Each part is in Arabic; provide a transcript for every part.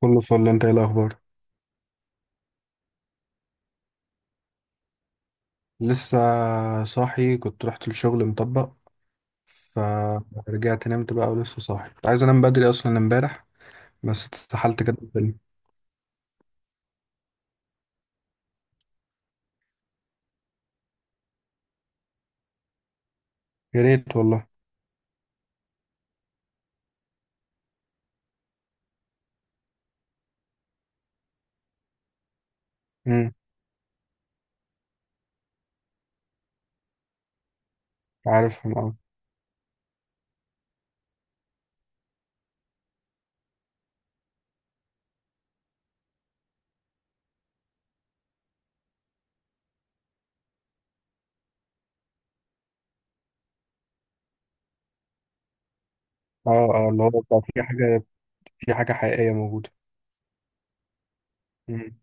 كله فل. انت ايه الاخبار؟ لسه صاحي، كنت رحت الشغل مطبق، فرجعت نمت بقى. ولسه صاحي، كنت عايز انام بدري اصلا امبارح بس اتسحلت كده في الفيلم. يا ريت والله. امم. عارفهم اه. اه اه، اللي هو بقى في حاجه، في حاجه حقيقيه موجوده. امم.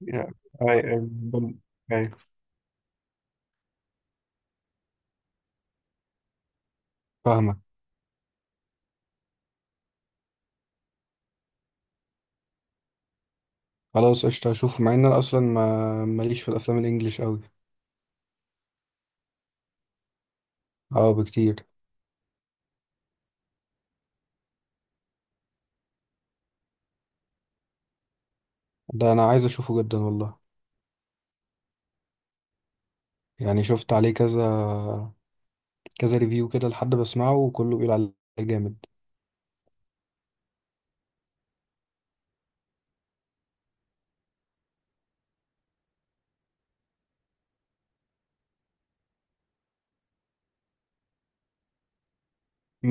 يا- اي اي بم- اي. فاهمك. خلاص قشطه، اشوفه مع ان انا اصلا ما ماليش في الافلام الانجليش قوي. اه بكتير. ده انا عايز اشوفه جدا والله. يعني شفت عليه كذا ريفيو كده، لحد بسمعه وكله بيقول عليه جامد.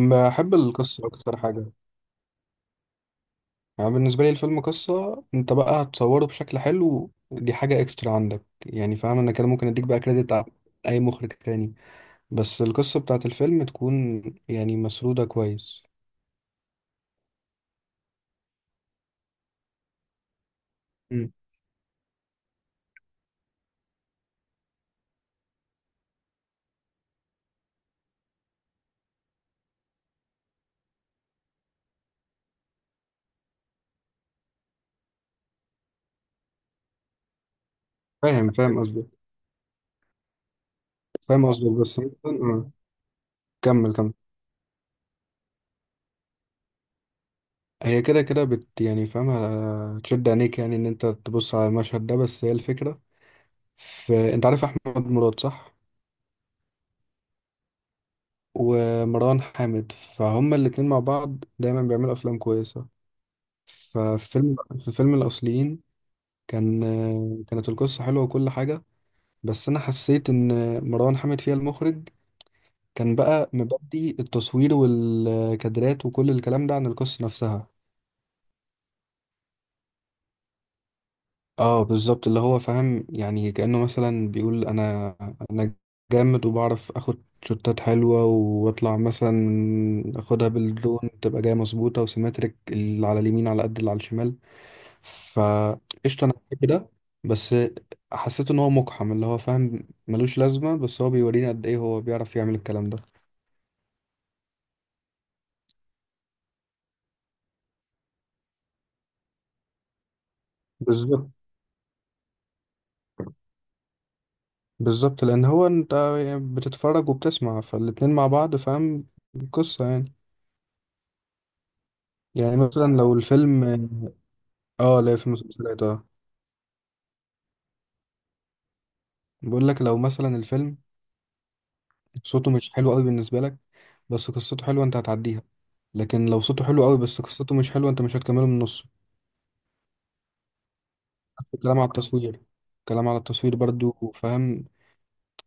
بحب القصة أكتر حاجة. يعني بالنسبة لي الفيلم قصة، أنت بقى هتصوره بشكل حلو دي حاجة إكسترا عندك، يعني فاهم؟ أنا كده ممكن أديك بقى كريدت على أي مخرج تاني، بس القصة بتاعت الفيلم تكون، يعني مسرودة كويس. مم. فاهم فاهم قصدك. فاهم قصدك، بس مثلا كمل كمل. هي كده كده يعني فاهمة تشد عينيك، يعني إن أنت تبص على المشهد ده، بس هي الفكرة في، أنت عارف أحمد مراد صح؟ ومروان حامد، فهم الاتنين مع بعض دايما بيعملوا افلام كويسه. ففي فيلم الاصليين كان، كانت القصه حلوه وكل حاجه، بس انا حسيت ان مروان حامد فيها المخرج كان بقى مبدي التصوير والكادرات وكل الكلام ده عن القصه نفسها. اه بالظبط، اللي هو فاهم يعني، كأنه مثلا بيقول انا، انا جامد وبعرف اخد شوتات حلوة واطلع، مثلا اخدها بالدرون تبقى جاية مظبوطة وسيمتريك، اللي على اليمين على قد اللي على الشمال. فقشطة انا بحب ده، بس حسيت ان هو مقحم، اللي هو فاهم ملوش لازمة، بس هو بيورينا قد ايه هو بيعرف يعمل الكلام ده. بالظبط بالظبط، لان هو انت بتتفرج وبتسمع، فالاتنين مع بعض فاهم، قصة يعني. يعني مثلا لو الفيلم، اه لا في مسلسلات اه. بقول لك لو مثلا الفيلم صوته مش حلو قوي بالنسبه لك بس قصته حلوه، انت هتعديها. لكن لو صوته حلو قوي بس قصته مش حلوه، انت مش هتكمله من نصه. نفس الكلام على التصوير، الكلام على التصوير برضو فاهم.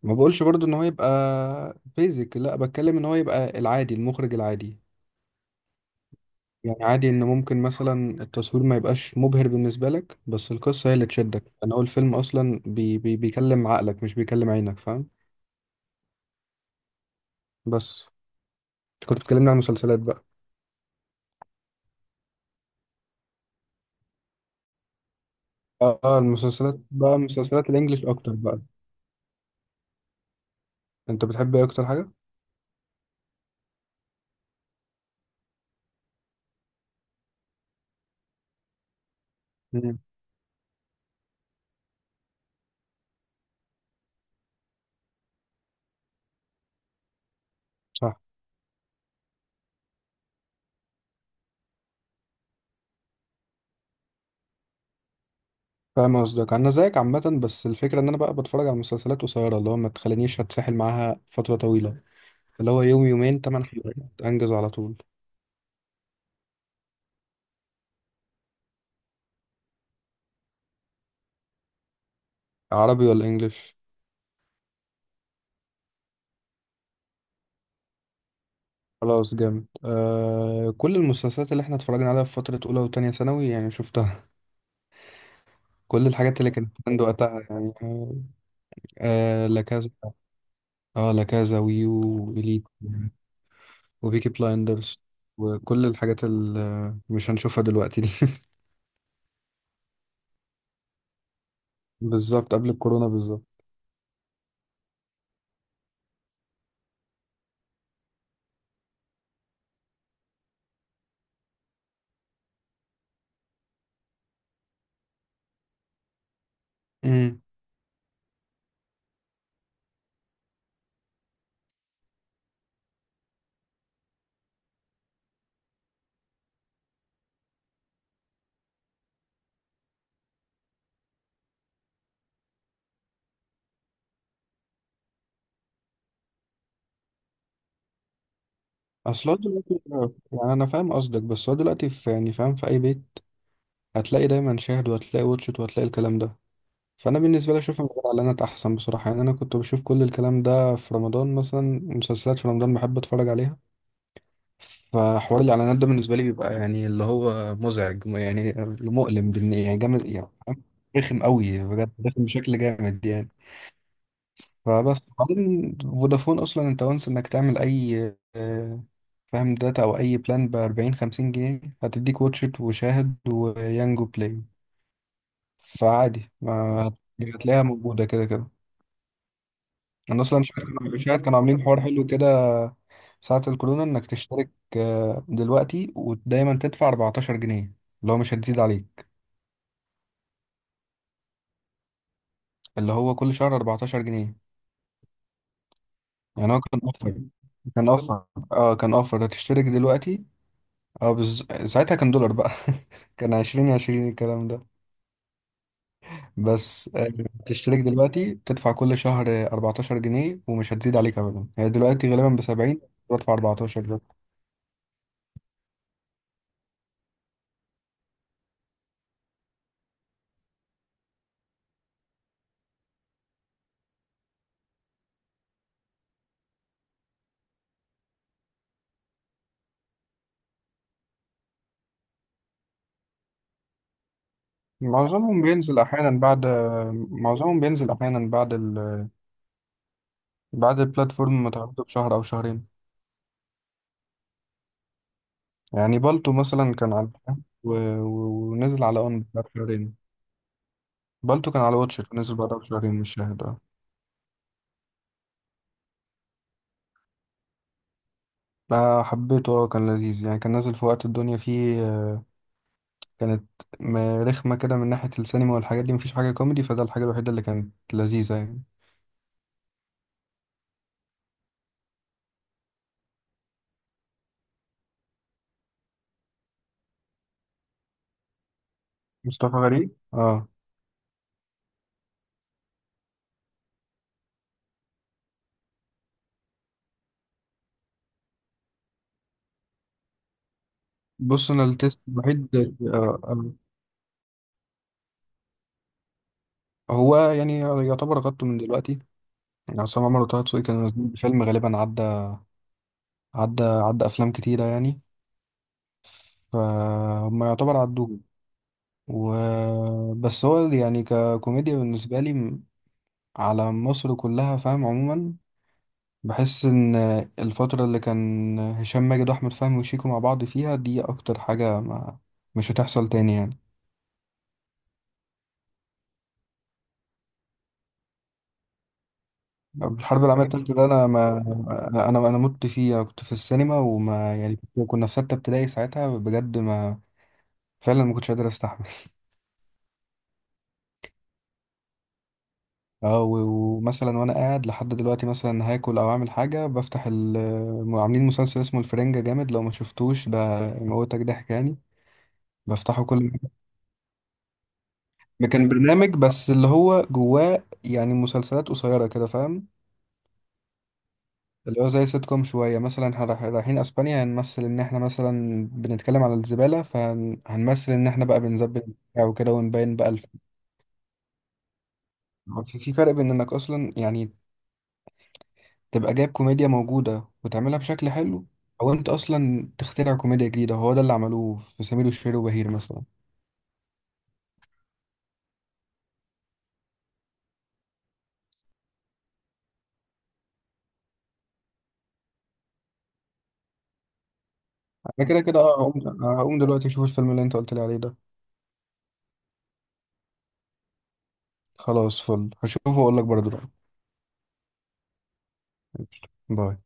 ما بقولش برضو ان هو يبقى بيزك، لا بتكلم ان هو يبقى العادي، المخرج العادي. يعني عادي ان ممكن مثلا التصوير ما يبقاش مبهر بالنسبه لك، بس القصه هي اللي تشدك. انا هو الفيلم اصلا بي بيكلم عقلك مش بيكلم عينك فاهم. بس كنت بتكلمني عن المسلسلات بقى. اه المسلسلات بقى، مسلسلات الانجليش اكتر بقى. انت بتحب ايه اكتر حاجه؟ مم. صح. فاهم قصدك. انا زيك عامه، بس الفكره ان انا بقى بتفرج على مسلسلات قصيره، اللي هو ما تخلينيش اتسحل معاها فتره طويله، اللي هو يوم يومين، 8 حلقات، انجز على طول. عربي ولا انجليش؟ خلاص جامد. كل المسلسلات اللي احنا اتفرجنا عليها في فتره اولى وتانية ثانوي يعني شفتها. كل الحاجات اللي كانت عند وقتها يعني. لا كذا. اه لا كذا، ويو، وإليت، وبيكي بلايندرز، وكل الحاجات اللي مش هنشوفها دلوقتي دي. بالظبط، قبل الكورونا بالظبط. امم. اصل هو دلوقتي، يعني انا فاهم قصدك، بس هو دلوقتي في، يعني فاهم، في اي بيت هتلاقي دايما شاهد، وهتلاقي واتشت، وهتلاقي الكلام ده. فانا بالنسبه لي اشوف من غير اعلانات احسن بصراحه. يعني انا كنت بشوف كل الكلام ده في رمضان، مثلا مسلسلات في رمضان بحب اتفرج عليها. فحوار الاعلانات ده بالنسبه لي بيبقى يعني اللي هو مزعج يعني، مؤلم يعني جامد، يعني فاهم؟ رخم قوي بجد، رخم بشكل جامد يعني. فبس بعدين فودافون اصلا انت وانس انك تعمل اي آه، فاهم داتا او اي بلان ب 40 50 جنيه هتديك واتشت وشاهد ويانجو بلاي. فعادي ما هتلاقيها موجوده كده كده. انا اصلا شاهد كانوا عاملين حوار حلو كده ساعه الكورونا، انك تشترك دلوقتي ودايما تدفع 14 جنيه اللي هو مش هتزيد عليك، اللي هو كل شهر 14 جنيه. يعني هو كان اوفر، كان اوفر. اه كان اوفر. هتشترك دلوقتي، ساعتها كان دولار بقى. كان عشرين، عشرين الكلام ده. بس تشترك دلوقتي تدفع كل شهر 14 جنيه ومش هتزيد عليك أبدا. هي دلوقتي غالبا بـ70، بدفع 14 ده. معظمهم بينزل أحيانا بعد معظمهم بينزل أحيانا بعد بعد البلاتفورم ما تعرضه بشهر أو شهرين. يعني بالتو مثلا كان على، و... ونزل على أون بعد شهرين. بالتو كان على واتشت ونزل بعدها بشهرين، مش شاهد اه. حبيته اه، كان لذيذ يعني، كان نازل في وقت الدنيا فيه، كانت رخمة كده من ناحية السينما والحاجات دي، مفيش حاجة كوميدي، فده الحاجة الوحيدة اللي كانت لذيذة يعني. مصطفى غريب اه. بص، انا التيست الوحيد آه، آه، هو يعني يعتبر غطه من دلوقتي. يعني عصام عمر وطه دسوقي كانوا نازلين بفيلم غالبا، عدى عدى افلام كتيرة يعني. فهم يعتبر عدوه. و بس هو يعني ككوميديا بالنسبة لي، على مصر كلها فاهم عموما، بحس ان الفترة اللي كان هشام ماجد واحمد فهمي وشيكو مع بعض فيها دي اكتر حاجة ما، مش هتحصل تاني يعني. الحرب العالمية بجد التالتة ده، انا ما والله، انا انا أنا مت فيها. كنت في السينما، وما يعني كنا في 6 ابتدائي ساعتها بجد، ما فعلا ما كنتش قادر استحمل. ومثلا وانا قاعد لحد دلوقتي، مثلا هاكل او اعمل حاجة بفتح ال، عاملين مسلسل اسمه الفرنجة جامد، لو ما شفتوش ده يموتك ضحك يعني. بفتحه كل ما، كان برنامج بس اللي هو جواه يعني مسلسلات قصيرة كده فاهم، اللي هو زي سيت كوم شوية. مثلا رايحين أسبانيا، هنمثل إن إحنا مثلا بنتكلم على الزبالة، فهنمثل إن إحنا بقى بنزبل وبتاع وكده ونبين بقى في فرق بين إنك أصلا يعني تبقى جايب كوميديا موجودة وتعملها بشكل حلو، أو أنت أصلا تخترع كوميديا جديدة. هو ده اللي عملوه في سمير وشهير وبهير مثلا. أنا كده كده هقوم دلوقتي أشوف الفيلم اللي أنت قلت لي عليه ده. خلاص فل، هشوفه وأقول لك برضه رأيي. باي.